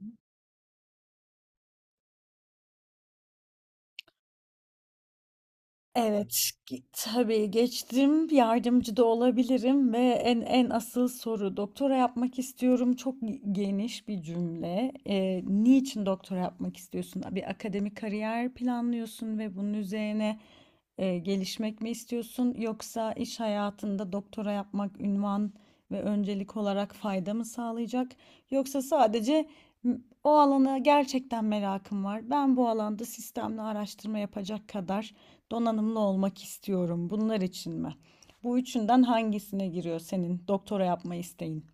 Hı. Evet, tabii geçtim, yardımcı da olabilirim ve en asıl soru doktora yapmak istiyorum. Çok geniş bir cümle. Niçin doktora yapmak istiyorsun? Bir akademik kariyer planlıyorsun ve bunun üzerine gelişmek mi istiyorsun? Yoksa iş hayatında doktora yapmak ünvan ve öncelik olarak fayda mı sağlayacak? Yoksa sadece "M- o alana gerçekten merakım var. Ben bu alanda sistemli araştırma yapacak kadar donanımlı olmak istiyorum. Bunlar için mi? Bu üçünden hangisine giriyor senin doktora yapma isteğin?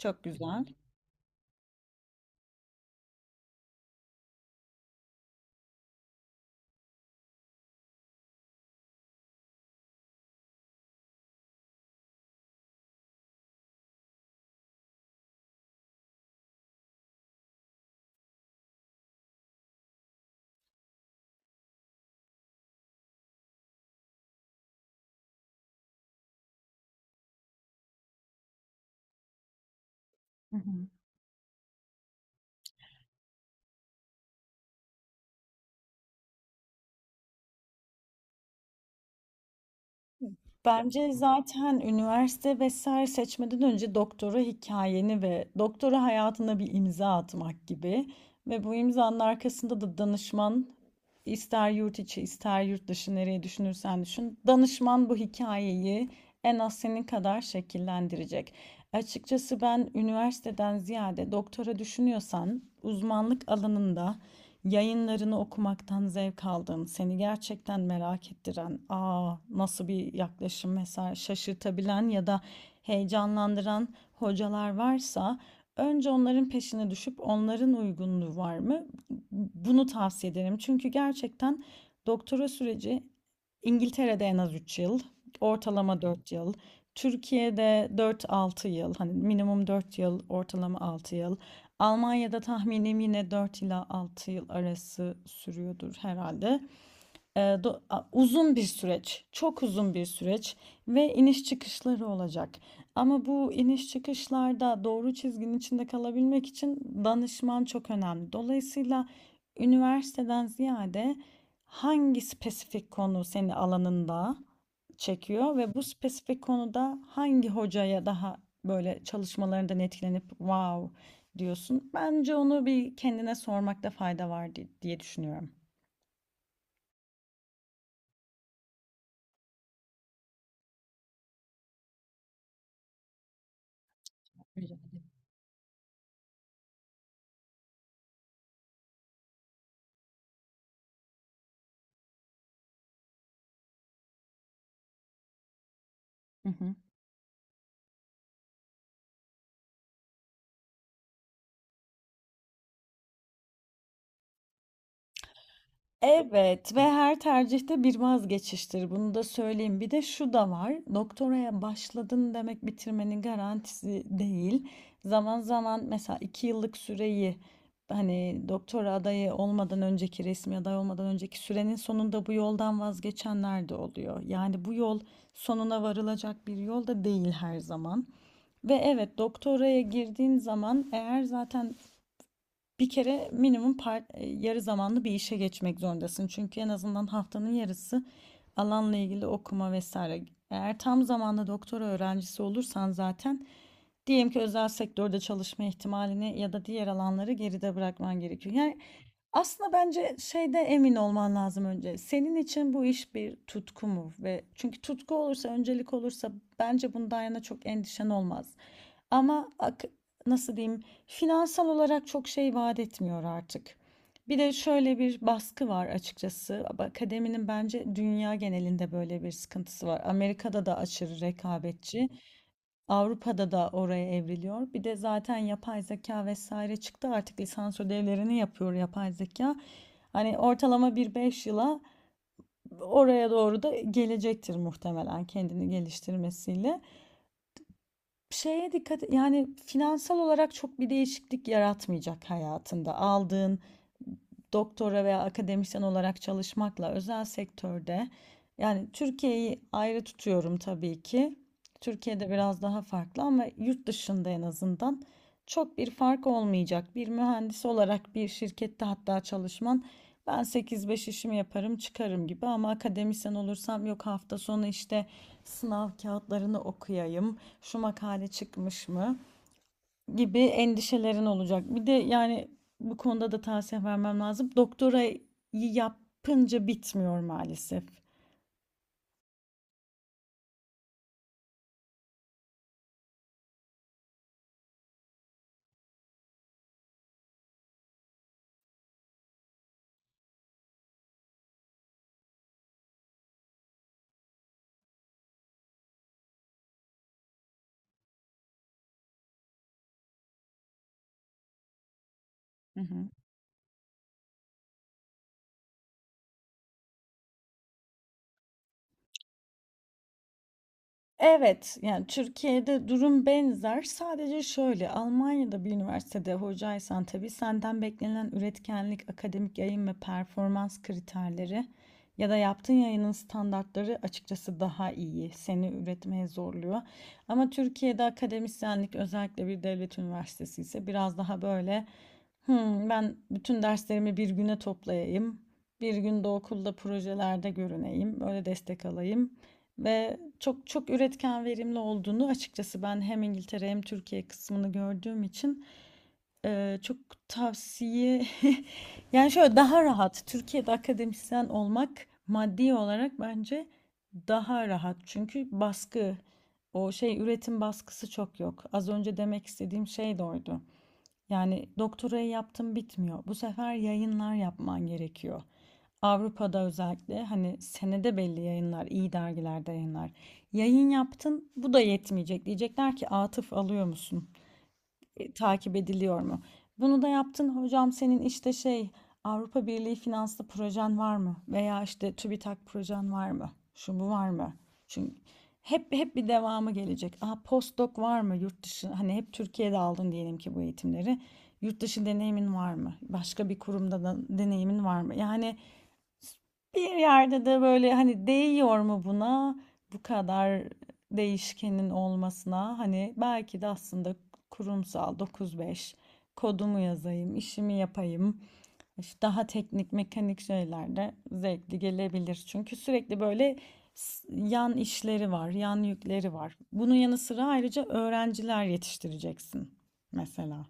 Çok güzel. Hı hı. Bence zaten üniversite vesaire seçmeden önce doktora hikayeni ve doktora hayatına bir imza atmak gibi ve bu imzanın arkasında da danışman, ister yurt içi ister yurt dışı nereye düşünürsen düşün, danışman bu hikayeyi en az senin kadar şekillendirecek. Açıkçası ben üniversiteden ziyade doktora düşünüyorsan uzmanlık alanında yayınlarını okumaktan zevk aldım. Seni gerçekten merak ettiren, aa, nasıl bir yaklaşım mesela, şaşırtabilen ya da heyecanlandıran hocalar varsa önce onların peşine düşüp onların uygunluğu var mı, bunu tavsiye ederim. Çünkü gerçekten doktora süreci İngiltere'de en az 3 yıl, ortalama 4 yıl. Türkiye'de dört-altı yıl. Hani minimum 4 yıl, ortalama 6 yıl. Almanya'da tahminim yine 4 ila 6 yıl arası sürüyordur herhalde. Uzun bir süreç, çok uzun bir süreç ve iniş çıkışları olacak. Ama bu iniş çıkışlarda doğru çizginin içinde kalabilmek için danışman çok önemli. Dolayısıyla üniversiteden ziyade hangi spesifik konu seni alanında çekiyor ve bu spesifik konuda hangi hocaya daha böyle, çalışmalarından etkilenip wow diyorsun. Bence onu bir kendine sormakta fayda var diye düşünüyorum. Güzel. Hı hı. Evet, ve her tercihte bir vazgeçiştir. Bunu da söyleyeyim. Bir de şu da var. Doktoraya başladın demek bitirmenin garantisi değil. Zaman zaman mesela iki yıllık süreyi, hani doktora adayı olmadan önceki, resmi aday olmadan önceki sürenin sonunda bu yoldan vazgeçenler de oluyor. Yani bu yol sonuna varılacak bir yol da değil her zaman. Ve evet, doktoraya girdiğin zaman eğer zaten bir kere minimum yarı zamanlı bir işe geçmek zorundasın. Çünkü en azından haftanın yarısı alanla ilgili okuma vesaire. Eğer tam zamanlı doktora öğrencisi olursan zaten diyelim ki özel sektörde çalışma ihtimalini ya da diğer alanları geride bırakman gerekiyor. Yani aslında bence şeyde emin olman lazım önce. Senin için bu iş bir tutku mu? Ve çünkü tutku olursa, öncelik olursa bence bundan yana çok endişen olmaz. Ama nasıl diyeyim, finansal olarak çok şey vaat etmiyor artık. Bir de şöyle bir baskı var açıkçası. Akademinin bence dünya genelinde böyle bir sıkıntısı var. Amerika'da da aşırı rekabetçi, Avrupa'da da oraya evriliyor. Bir de zaten yapay zeka vesaire çıktı. Artık lisans ödevlerini yapıyor yapay zeka. Hani ortalama bir 5 yıla oraya doğru da gelecektir muhtemelen, kendini geliştirmesiyle. Şeye dikkat, yani finansal olarak çok bir değişiklik yaratmayacak hayatında aldığın doktora veya akademisyen olarak çalışmakla özel sektörde. Yani Türkiye'yi ayrı tutuyorum tabii ki. Türkiye'de biraz daha farklı ama yurt dışında en azından çok bir fark olmayacak. Bir mühendis olarak bir şirkette hatta çalışman, ben sekiz beş işimi yaparım çıkarım gibi, ama akademisyen olursam yok hafta sonu işte sınav kağıtlarını okuyayım, şu makale çıkmış mı gibi endişelerin olacak. Bir de yani bu konuda da tavsiye vermem lazım. Doktorayı yapınca bitmiyor maalesef. Hı hı. Evet, yani Türkiye'de durum benzer. Sadece şöyle, Almanya'da bir üniversitede hocaysan tabii senden beklenen üretkenlik, akademik yayın ve performans kriterleri ya da yaptığın yayının standartları açıkçası daha iyi. Seni üretmeye zorluyor. Ama Türkiye'de akademisyenlik, özellikle bir devlet üniversitesi ise, biraz daha böyle "Hmm, ben bütün derslerimi bir güne toplayayım. Bir günde okulda projelerde görüneyim, böyle destek alayım." Ve çok çok üretken verimli olduğunu, açıkçası ben hem İngiltere hem Türkiye kısmını gördüğüm için, çok tavsiye yani şöyle, daha rahat Türkiye'de akademisyen olmak maddi olarak, bence daha rahat, çünkü baskı, o şey, üretim baskısı çok yok. Az önce demek istediğim şey de oydu. Yani doktorayı yaptım, bitmiyor. Bu sefer yayınlar yapman gerekiyor. Avrupa'da özellikle, hani, senede belli yayınlar, iyi dergilerde yayınlar. Yayın yaptın, bu da yetmeyecek. Diyecekler ki atıf alıyor musun? Takip ediliyor mu? Bunu da yaptın hocam, senin işte şey, Avrupa Birliği finanslı projen var mı? Veya işte TÜBİTAK projen var mı? Şu bu var mı? Çünkü hep hep bir devamı gelecek. Aa, postdoc var mı yurt dışı? Hani hep Türkiye'de aldın diyelim ki bu eğitimleri. Yurt dışı deneyimin var mı? Başka bir kurumda da deneyimin var mı? Yani bir yerde de böyle hani değiyor mu buna, bu kadar değişkenin olmasına? Hani belki de aslında kurumsal 9-5 kodumu yazayım, işimi yapayım. İşte daha teknik mekanik şeyler de zevkli gelebilir. Çünkü sürekli böyle yan işleri var, yan yükleri var. Bunun yanı sıra ayrıca öğrenciler yetiştireceksin mesela.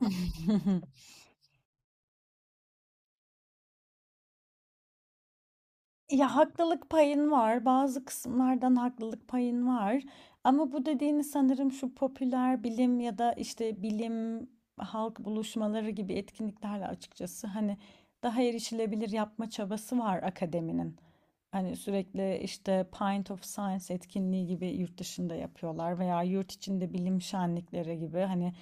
Ya, haklılık payın var. Bazı kısımlardan haklılık payın var. Ama bu dediğini sanırım şu popüler bilim ya da, işte, bilim, halk buluşmaları gibi etkinliklerle, açıkçası, hani, daha erişilebilir yapma çabası var akademinin. Hani, sürekli, işte, Pint of Science etkinliği gibi yurt dışında yapıyorlar veya yurt içinde bilim şenlikleri gibi, hani,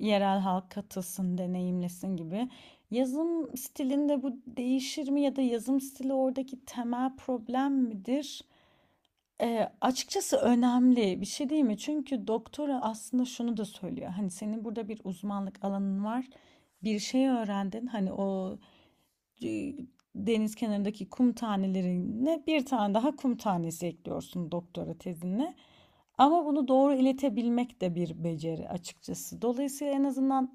yerel halk katılsın, deneyimlesin gibi. Yazım stilinde bu değişir mi ya da yazım stili oradaki temel problem midir? Açıkçası önemli bir şey değil mi? Çünkü doktora aslında şunu da söylüyor. Hani senin burada bir uzmanlık alanın var. Bir şey öğrendin. Hani o, e, deniz kenarındaki kum tanelerine bir tane daha kum tanesi ekliyorsun doktora tezinle. Ama bunu doğru iletebilmek de bir beceri açıkçası. Dolayısıyla en azından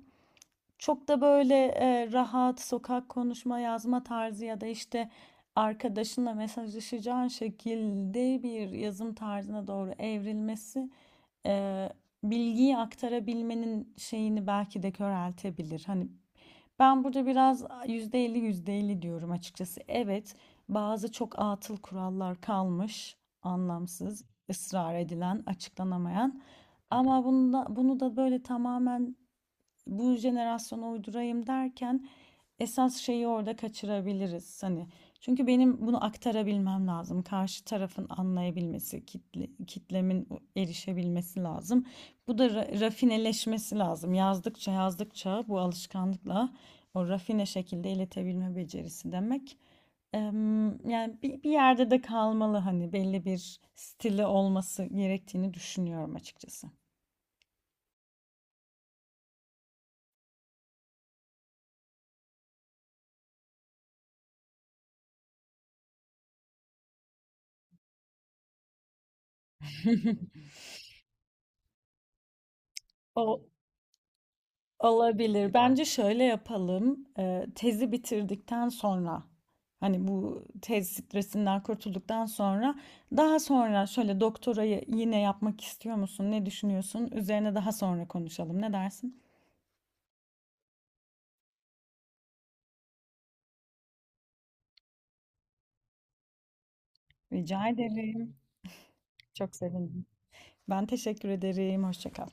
çok da böyle rahat sokak konuşma yazma tarzı ya da işte arkadaşınla mesajlaşacağın şekilde bir yazım tarzına doğru evrilmesi e, bilgiyi aktarabilmenin şeyini belki de köreltebilir. Hani ben burada biraz %50 %50 diyorum açıkçası. Evet, bazı çok atıl kurallar kalmış, anlamsız, ısrar edilen, açıklanamayan. Ama bunu da, bunu da böyle tamamen bu jenerasyona uydurayım derken esas şeyi orada kaçırabiliriz hani. Çünkü benim bunu aktarabilmem lazım. Karşı tarafın anlayabilmesi, kitlemin erişebilmesi lazım. Bu da rafineleşmesi lazım. Yazdıkça yazdıkça bu alışkanlıkla o rafine şekilde iletebilme becerisi demek. Yani bir yerde de kalmalı, hani belli bir stili olması gerektiğini düşünüyorum açıkçası. O Olabilir. Bence şöyle yapalım. Tezi bitirdikten sonra, hani bu tez stresinden kurtulduktan sonra, daha sonra şöyle doktorayı yine yapmak istiyor musun? Ne düşünüyorsun? Üzerine daha sonra konuşalım. Ne dersin? Rica ederim. Ben teşekkür ederim. Hoşça kal.